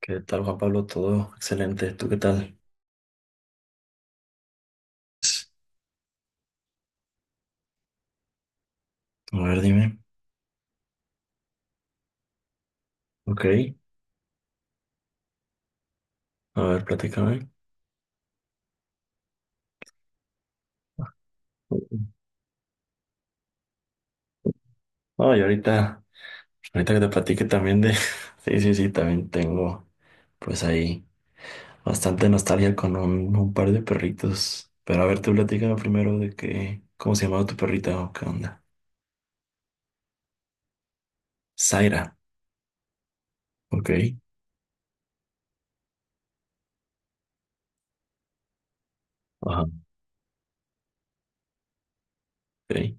¿Qué tal, Juan Pablo? Todo excelente. ¿Tú qué tal? A ver, dime. Ok. A ver, platícame. No, y ahorita, ahorita que te platique también de... Sí, sí, sí, también tengo pues ahí bastante nostalgia con un par de perritos. Pero a ver, tú platícame primero de qué... ¿Cómo se llamaba tu perrita o qué onda? Zaira. Ok. Ajá. Ok.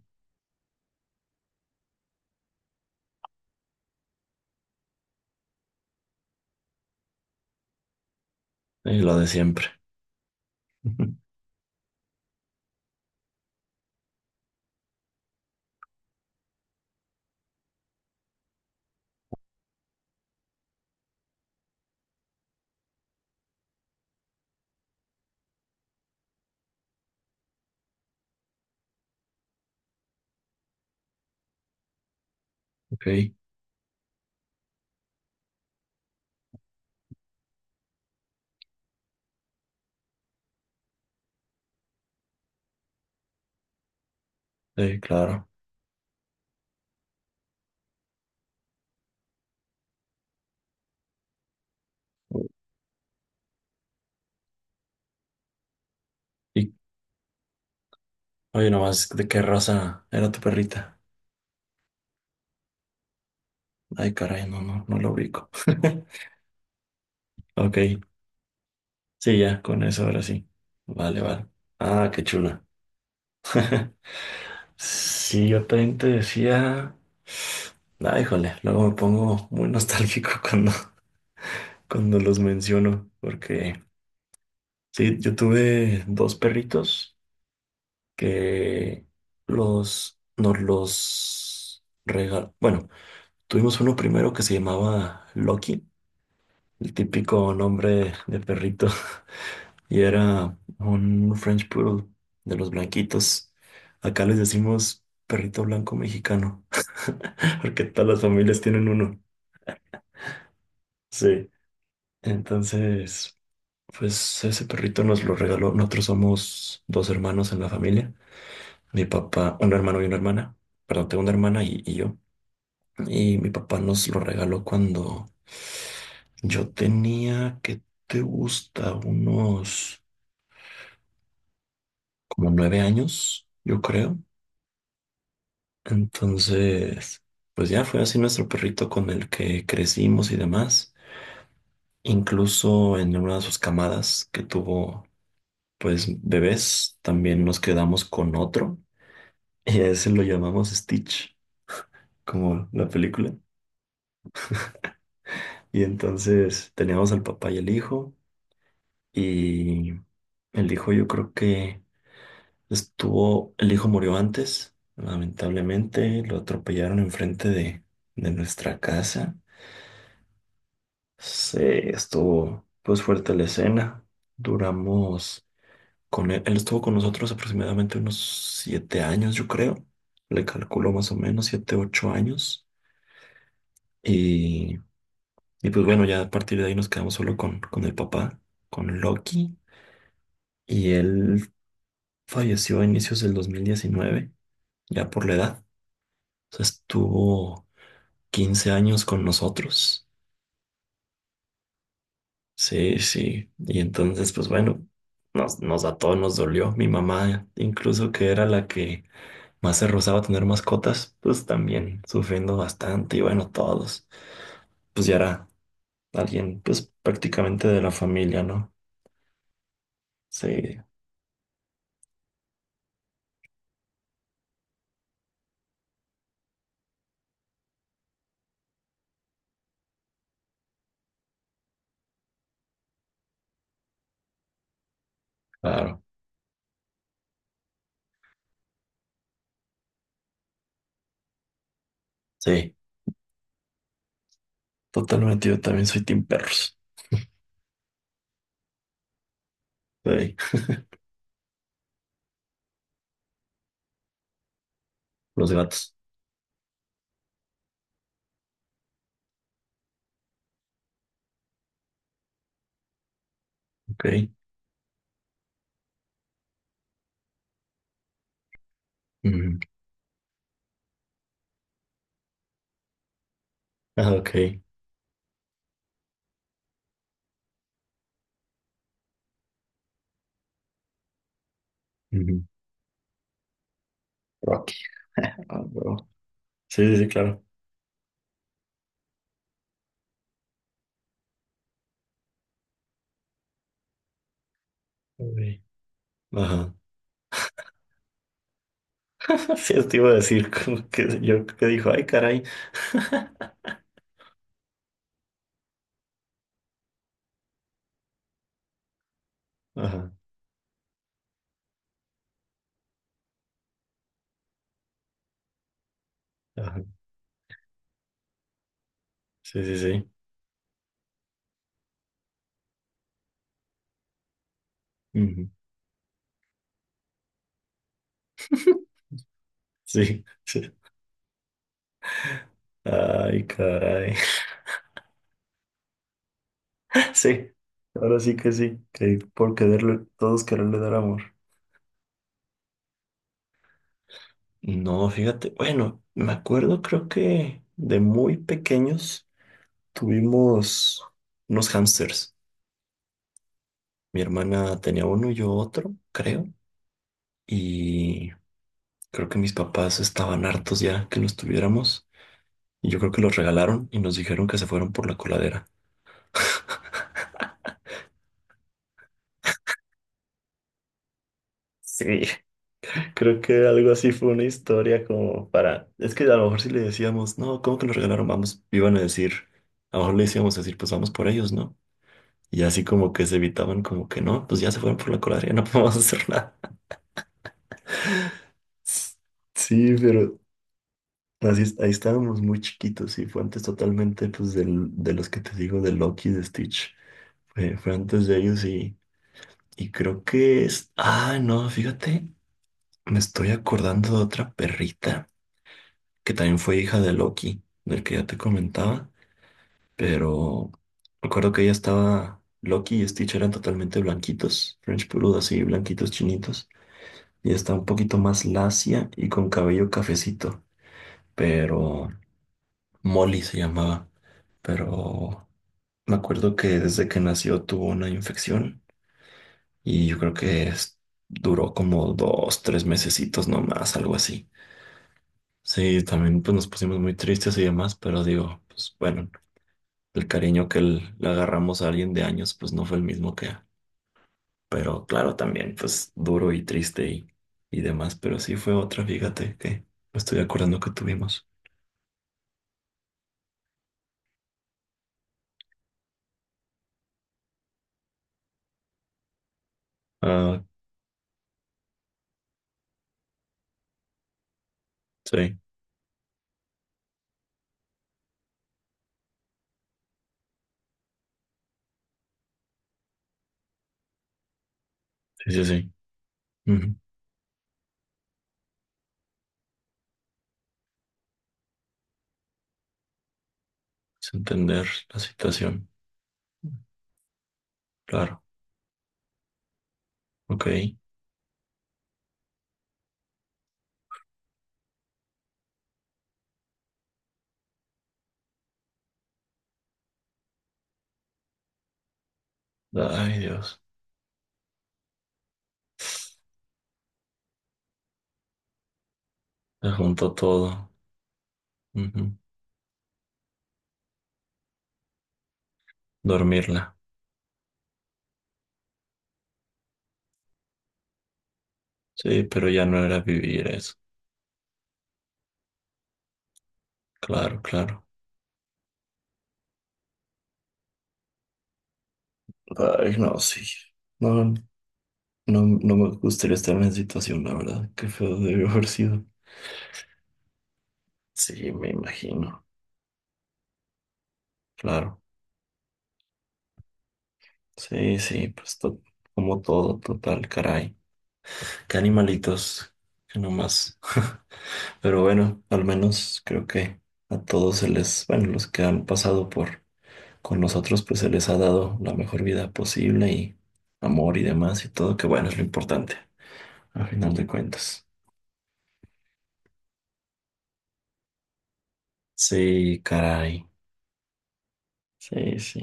Sí, lo de siempre. Ok. Sí, claro. Y, oye, nomás, ¿de qué raza era tu perrita? Ay, caray, no, no, no lo ubico. Ok, sí, ya, con eso ahora sí. Vale, vale. Ah, qué chula. Sí, yo también te decía. Ah, híjole, luego me pongo muy nostálgico cuando, cuando los menciono, porque sí, yo tuve dos perritos que los, nos los regal... Bueno, tuvimos uno primero que se llamaba Loki, el típico nombre de perrito y era un French Poodle de los blanquitos. Acá les decimos perrito blanco mexicano, porque todas las familias tienen uno. Sí. Entonces, pues ese perrito nos lo regaló. Nosotros somos dos hermanos en la familia. Mi papá, un hermano y una hermana. Perdón, tengo una hermana y yo. Y mi papá nos lo regaló cuando yo tenía, ¿qué te gusta? Unos como 9 años, yo creo. Entonces, pues ya fue así nuestro perrito con el que crecimos y demás. Incluso en una de sus camadas que tuvo, pues, bebés, también nos quedamos con otro y a ese lo llamamos Stitch, como la película. Y entonces teníamos al papá y el hijo yo creo que estuvo, el hijo murió antes, lamentablemente, lo atropellaron enfrente de nuestra casa. Sí, estuvo pues fuerte la escena. Duramos con él, él estuvo con nosotros aproximadamente unos 7 años, yo creo. Le calculo más o menos 7, 8 años. Y, y pues bueno, ya a partir de ahí nos quedamos solo con el papá, con Loki. Y él falleció a inicios del 2019, ya por la edad. O sea, estuvo 15 años con nosotros. Sí, sí. Y entonces, pues bueno, nos, nos a todos nos dolió. Mi mamá, incluso que era la que más se rozaba a tener mascotas, pues también sufriendo bastante. Y bueno, todos, pues ya era alguien, pues prácticamente de la familia, ¿no? Sí, claro. Sí, totalmente. Yo también soy team perros. Sí, los gatos. Ok. Ujú. Ah, ok. Ujú. Rocky. Ah, bro. Sí, sí, sí, claro. Ok. Ajá. Sí, te iba a decir, como que yo creo que dijo, ay, caray. Ajá, ajá. Sí, sí, sí. Ujú. Sí, sí. Ay, caray. Sí, ahora sí, que por quererle, todos quererle dar amor. No, fíjate, bueno, me acuerdo, creo que de muy pequeños tuvimos unos hámsters. Mi hermana tenía uno y yo otro, creo, y creo que mis papás estaban hartos ya que los tuviéramos. Y yo creo que los regalaron y nos dijeron que se fueron por la coladera. Sí, creo que algo así fue una historia como para... Es que a lo mejor si le decíamos, no, ¿cómo que nos regalaron? Vamos, iban a decir, a lo mejor le decíamos decir, pues vamos por ellos, ¿no? Y así como que se evitaban como que no, pues ya se fueron por la coladera, ya no podemos hacer nada. S- Sí, pero así, es- ahí estábamos muy chiquitos y fue antes totalmente pues del, de los que te digo, de Loki de Stitch. Fue antes de ellos y creo que es... Ah, no, fíjate. Me estoy acordando de otra perrita que también fue hija de Loki, del que ya te comentaba, pero recuerdo que ella estaba, Loki y Stitch eran totalmente blanquitos, French Poodle así, blanquitos chinitos, y está un poquito más lacia y con cabello cafecito, pero Molly se llamaba, pero me acuerdo que desde que nació tuvo una infección y yo creo que es- duró como 2, 3 mesecitos nomás, algo así. Sí, también pues nos pusimos muy tristes y demás, pero digo, pues bueno, el cariño que le agarramos a alguien de años, pues no fue el mismo que, pero claro, también pues duro y triste y demás, pero sí fue otra, fíjate, que me estoy acordando que tuvimos. Ah, sí, sí, sí, sí. Ujú. Es entender la situación. Claro, ok. Ay, Dios, se juntó todo. Ujú. Dormirla. Sí, pero ya no era vivir eso. Claro, claro. Ay, no, sí. No, no, no me gustaría estar en esa situación, la verdad. Qué feo debe haber sido. Sí, me imagino. Claro. Sí, sí, pues to- como todo, total, caray. Qué animalitos, que nomás. Pero bueno, al menos creo que a todos se les, bueno, los que han pasado por con nosotros, pues se les ha dado la mejor vida posible y amor y demás y todo, que bueno, es lo importante, a final de cuentas. Sí, caray. Sí, sí.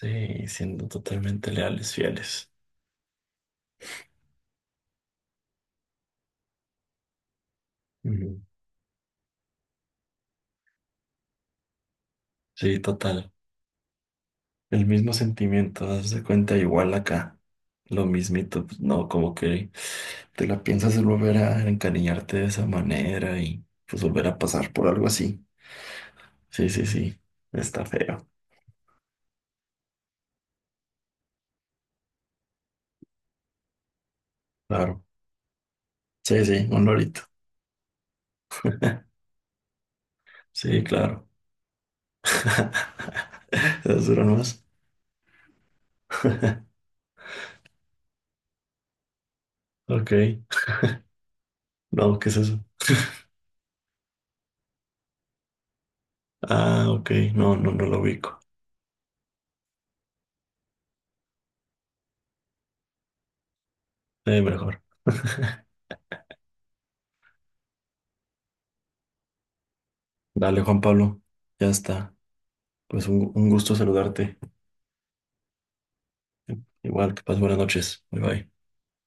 Sí, siendo totalmente leales, fieles. Ujú. Sí, total. El mismo sentimiento, haz de cuenta igual acá. Lo mismito, pues, no, como que te la piensas volver a encariñarte de esa manera y pues volver a pasar por algo así. Sí, sí, sí. Está feo. Claro. Sí, sí, un lorito. Sí, claro. ¿Esas duran más? Ok. No, ¿qué es eso? Ah, ok. No, no, no lo ubico. Mejor. Dale, Juan Pablo. Ya está. Pues un gusto saludarte. Igual, que pases buenas noches. Bye bye.